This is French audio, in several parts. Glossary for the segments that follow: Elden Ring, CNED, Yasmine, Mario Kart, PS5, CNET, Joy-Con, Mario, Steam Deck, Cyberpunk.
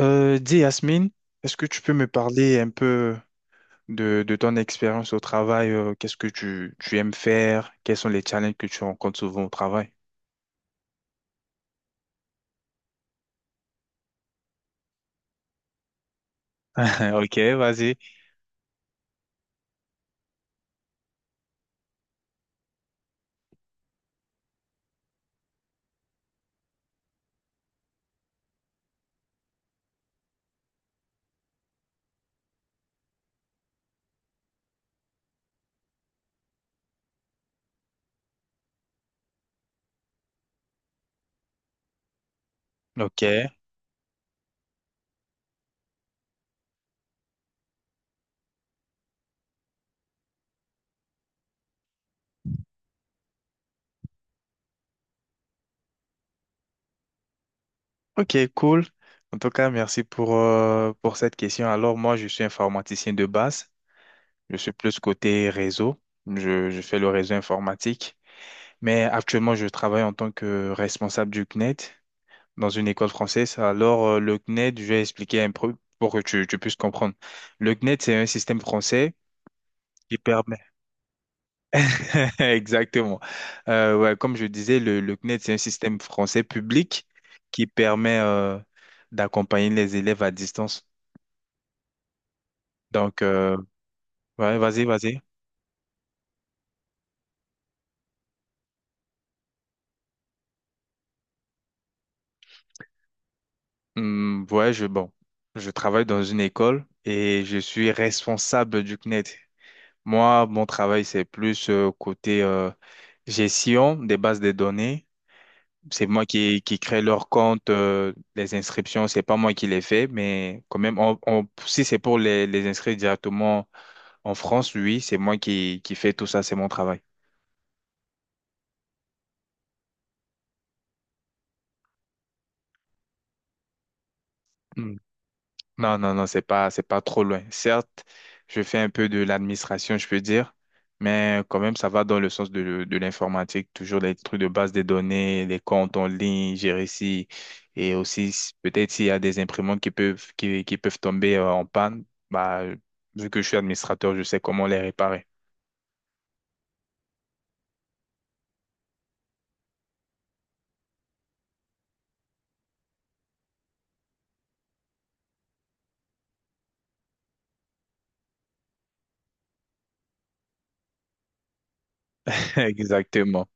Dis Yasmine, est-ce que tu peux me parler un peu de ton expérience au travail? Qu'est-ce que tu aimes faire? Quels sont les challenges que tu rencontres souvent au travail? Ok, vas-y. Ok. Ok, cool. En tout cas, merci pour cette question. Alors, moi, je suis informaticien de base. Je suis plus côté réseau. Je fais le réseau informatique. Mais actuellement, je travaille en tant que responsable du CNET dans une école française. Alors, le CNED, je vais expliquer un peu pour que tu puisses comprendre. Le CNED, c'est un système français qui permet... Exactement. Ouais, Comme je disais, le CNED, c'est un système français public qui permet d'accompagner les élèves à distance. Donc, ouais, vas-y, vas-y. Ouais, je, bon, je travaille dans une école et je suis responsable du CNED. Moi, mon travail, c'est plus côté gestion des bases de données. C'est moi qui crée leur compte, les inscriptions, c'est pas moi qui les fais, mais quand même, on, si c'est pour les inscrire directement en France, oui, c'est moi qui fais tout ça, c'est mon travail. Non, c'est pas trop loin. Certes, je fais un peu de l'administration, je peux dire, mais quand même, ça va dans le sens de l'informatique, toujours les trucs de base des données, les comptes en ligne, gérer si, et aussi, peut-être s'il y a des imprimantes qui peuvent, qui peuvent tomber en panne, bah, vu que je suis administrateur, je sais comment les réparer. Exactement.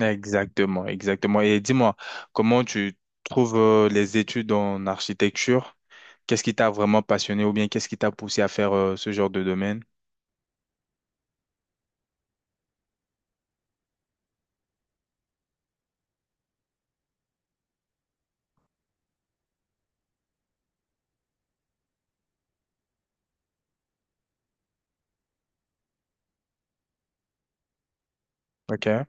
Exactement, exactement. Et dis-moi, comment tu trouves les études en architecture? Qu'est-ce qui t'a vraiment passionné ou bien qu'est-ce qui t'a poussé à faire ce genre de domaine? Ok.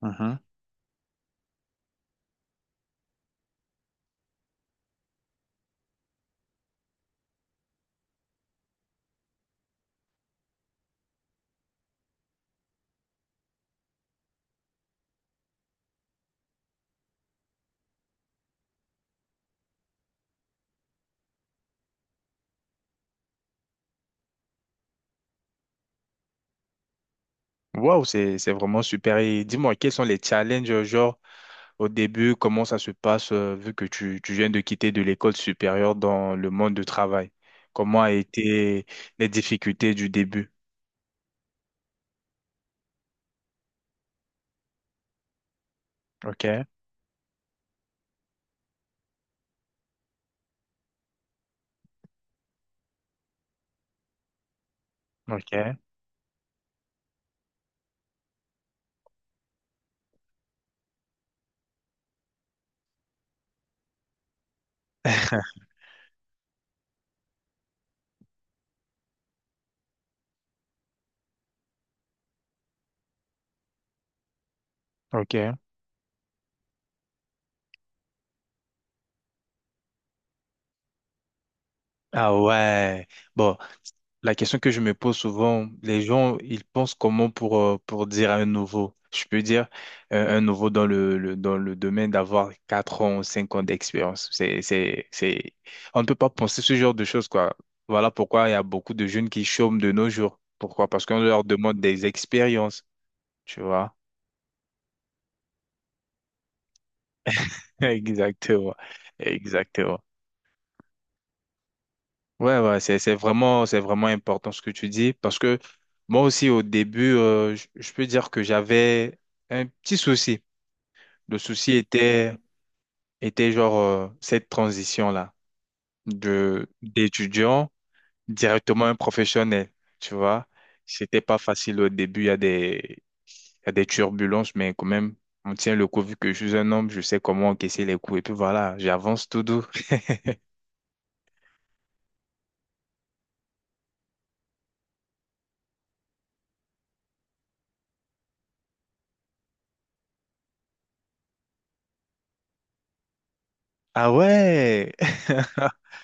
Mhm. Wow, c'est vraiment super. Et dis-moi, quels sont les challenges, genre, au début, comment ça se passe, vu que tu, viens de quitter de l'école supérieure dans le monde du travail? Comment a été les difficultés du début? Ok, ok, ok. Ah ouais. Bon, la question que je me pose souvent, les gens, ils pensent comment pour dire un nouveau? Je peux dire un nouveau dans le, dans le domaine d'avoir 4 ans, 5 ans d'expérience. C'est... On ne peut pas penser ce genre de choses, quoi. Voilà pourquoi il y a beaucoup de jeunes qui chôment de nos jours. Pourquoi? Parce qu'on leur demande des expériences, tu vois? Exactement. Exactement. Ouais, ouais, c'est vraiment important ce que tu dis parce que moi aussi au début, je peux dire que j'avais un petit souci. Le souci était, était genre cette transition-là de d'étudiant directement un professionnel, tu vois. C'était pas facile au début, il y a des, il y a des turbulences, mais quand même, on tient le coup vu que je suis un homme, je sais comment encaisser les coups et puis voilà, j'avance tout doux. Ah ouais!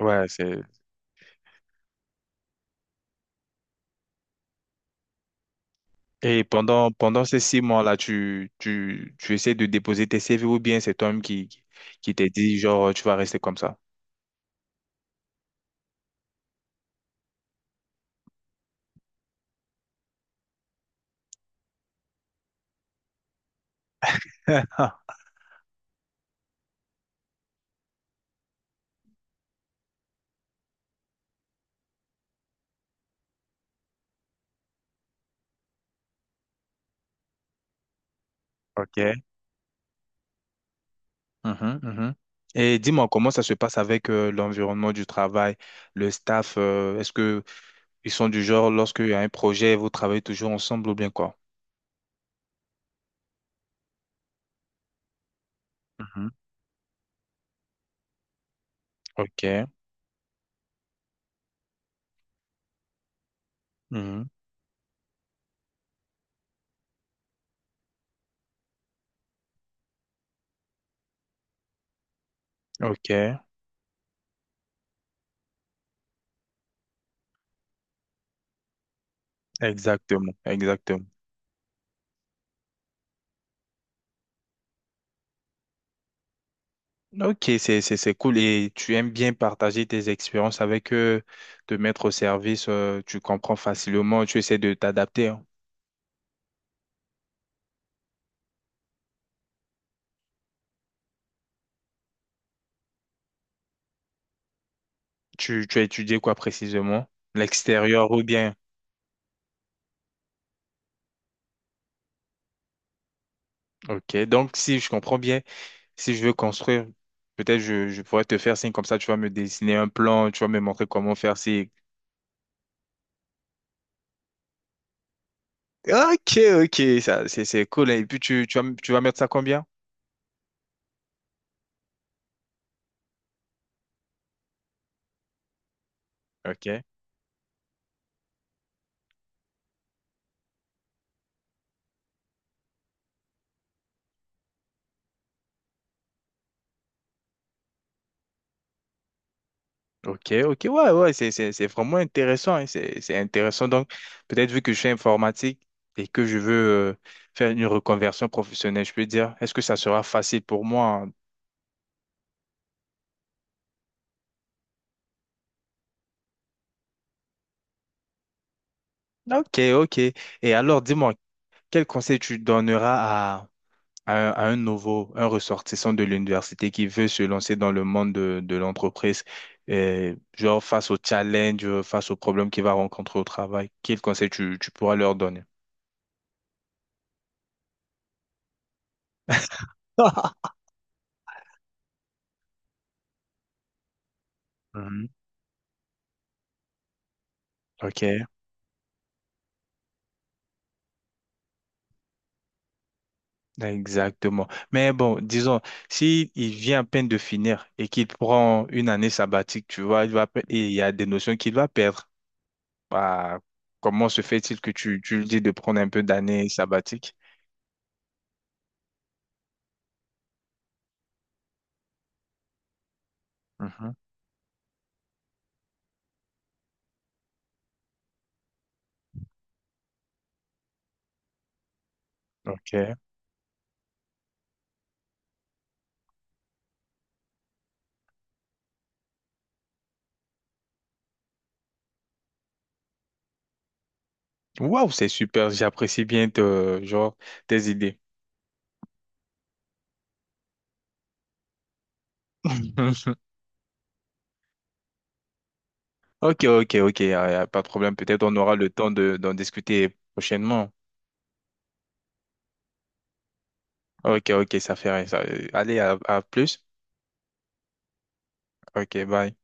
Ouais, c'est. Et pendant, pendant ces six mois-là, tu essaies de déposer tes CV ou bien c'est toi-même qui t'es dit, genre, tu vas rester comme ça? Ok, mhm, mhm. Et dis-moi, comment ça se passe avec l'environnement du travail, le staff, est-ce que ils sont du genre, lorsqu'il y a un projet, vous travaillez toujours ensemble ou bien quoi? Mhm. Ok. Mhm. Ok. Exactement. Exactement. Ok, c'est cool. Et tu aimes bien partager tes expériences avec eux, te mettre au service, tu comprends facilement, tu essaies de t'adapter, hein. Tu as étudié quoi précisément? L'extérieur ou bien? Ok. Donc, si je comprends bien. Si je veux construire, peut-être je pourrais te faire signe comme ça, tu vas me dessiner un plan, tu vas me montrer comment faire si. Ok, ok, ça, c'est cool, hein. Et puis tu vas, tu vas mettre ça combien? Ok, ok, ok, ouais, ouais, c'est vraiment intéressant, hein, c'est intéressant. Donc, peut-être vu que je suis informatique et que je veux euh, faire une reconversion professionnelle, je peux dire, est-ce que ça sera facile pour moi, hein? Ok, ok. Et alors, dis-moi, quel conseil tu donneras à un nouveau, un ressortissant de l'université qui veut se lancer dans le monde de l'entreprise, et genre face au challenge, face aux problèmes qu'il va rencontrer au travail, quel conseil tu, tu pourras leur donner? Mhm. Ok, exactement. Mais bon, disons, si il vient à peine de finir et qu'il prend une année sabbatique, tu vois, il va, et il y a des notions qu'il va perdre. Bah, comment se fait-il que tu lui dis de prendre un peu d'année sabbatique? Mhm. Ok. Waouh, c'est super. J'apprécie bien genre, tes idées. Ok, ok, ok, pas de problème. Peut-être on aura le temps de, d'en discuter prochainement. Ok, ok, ça fait rien. Allez, à plus. Ok, bye.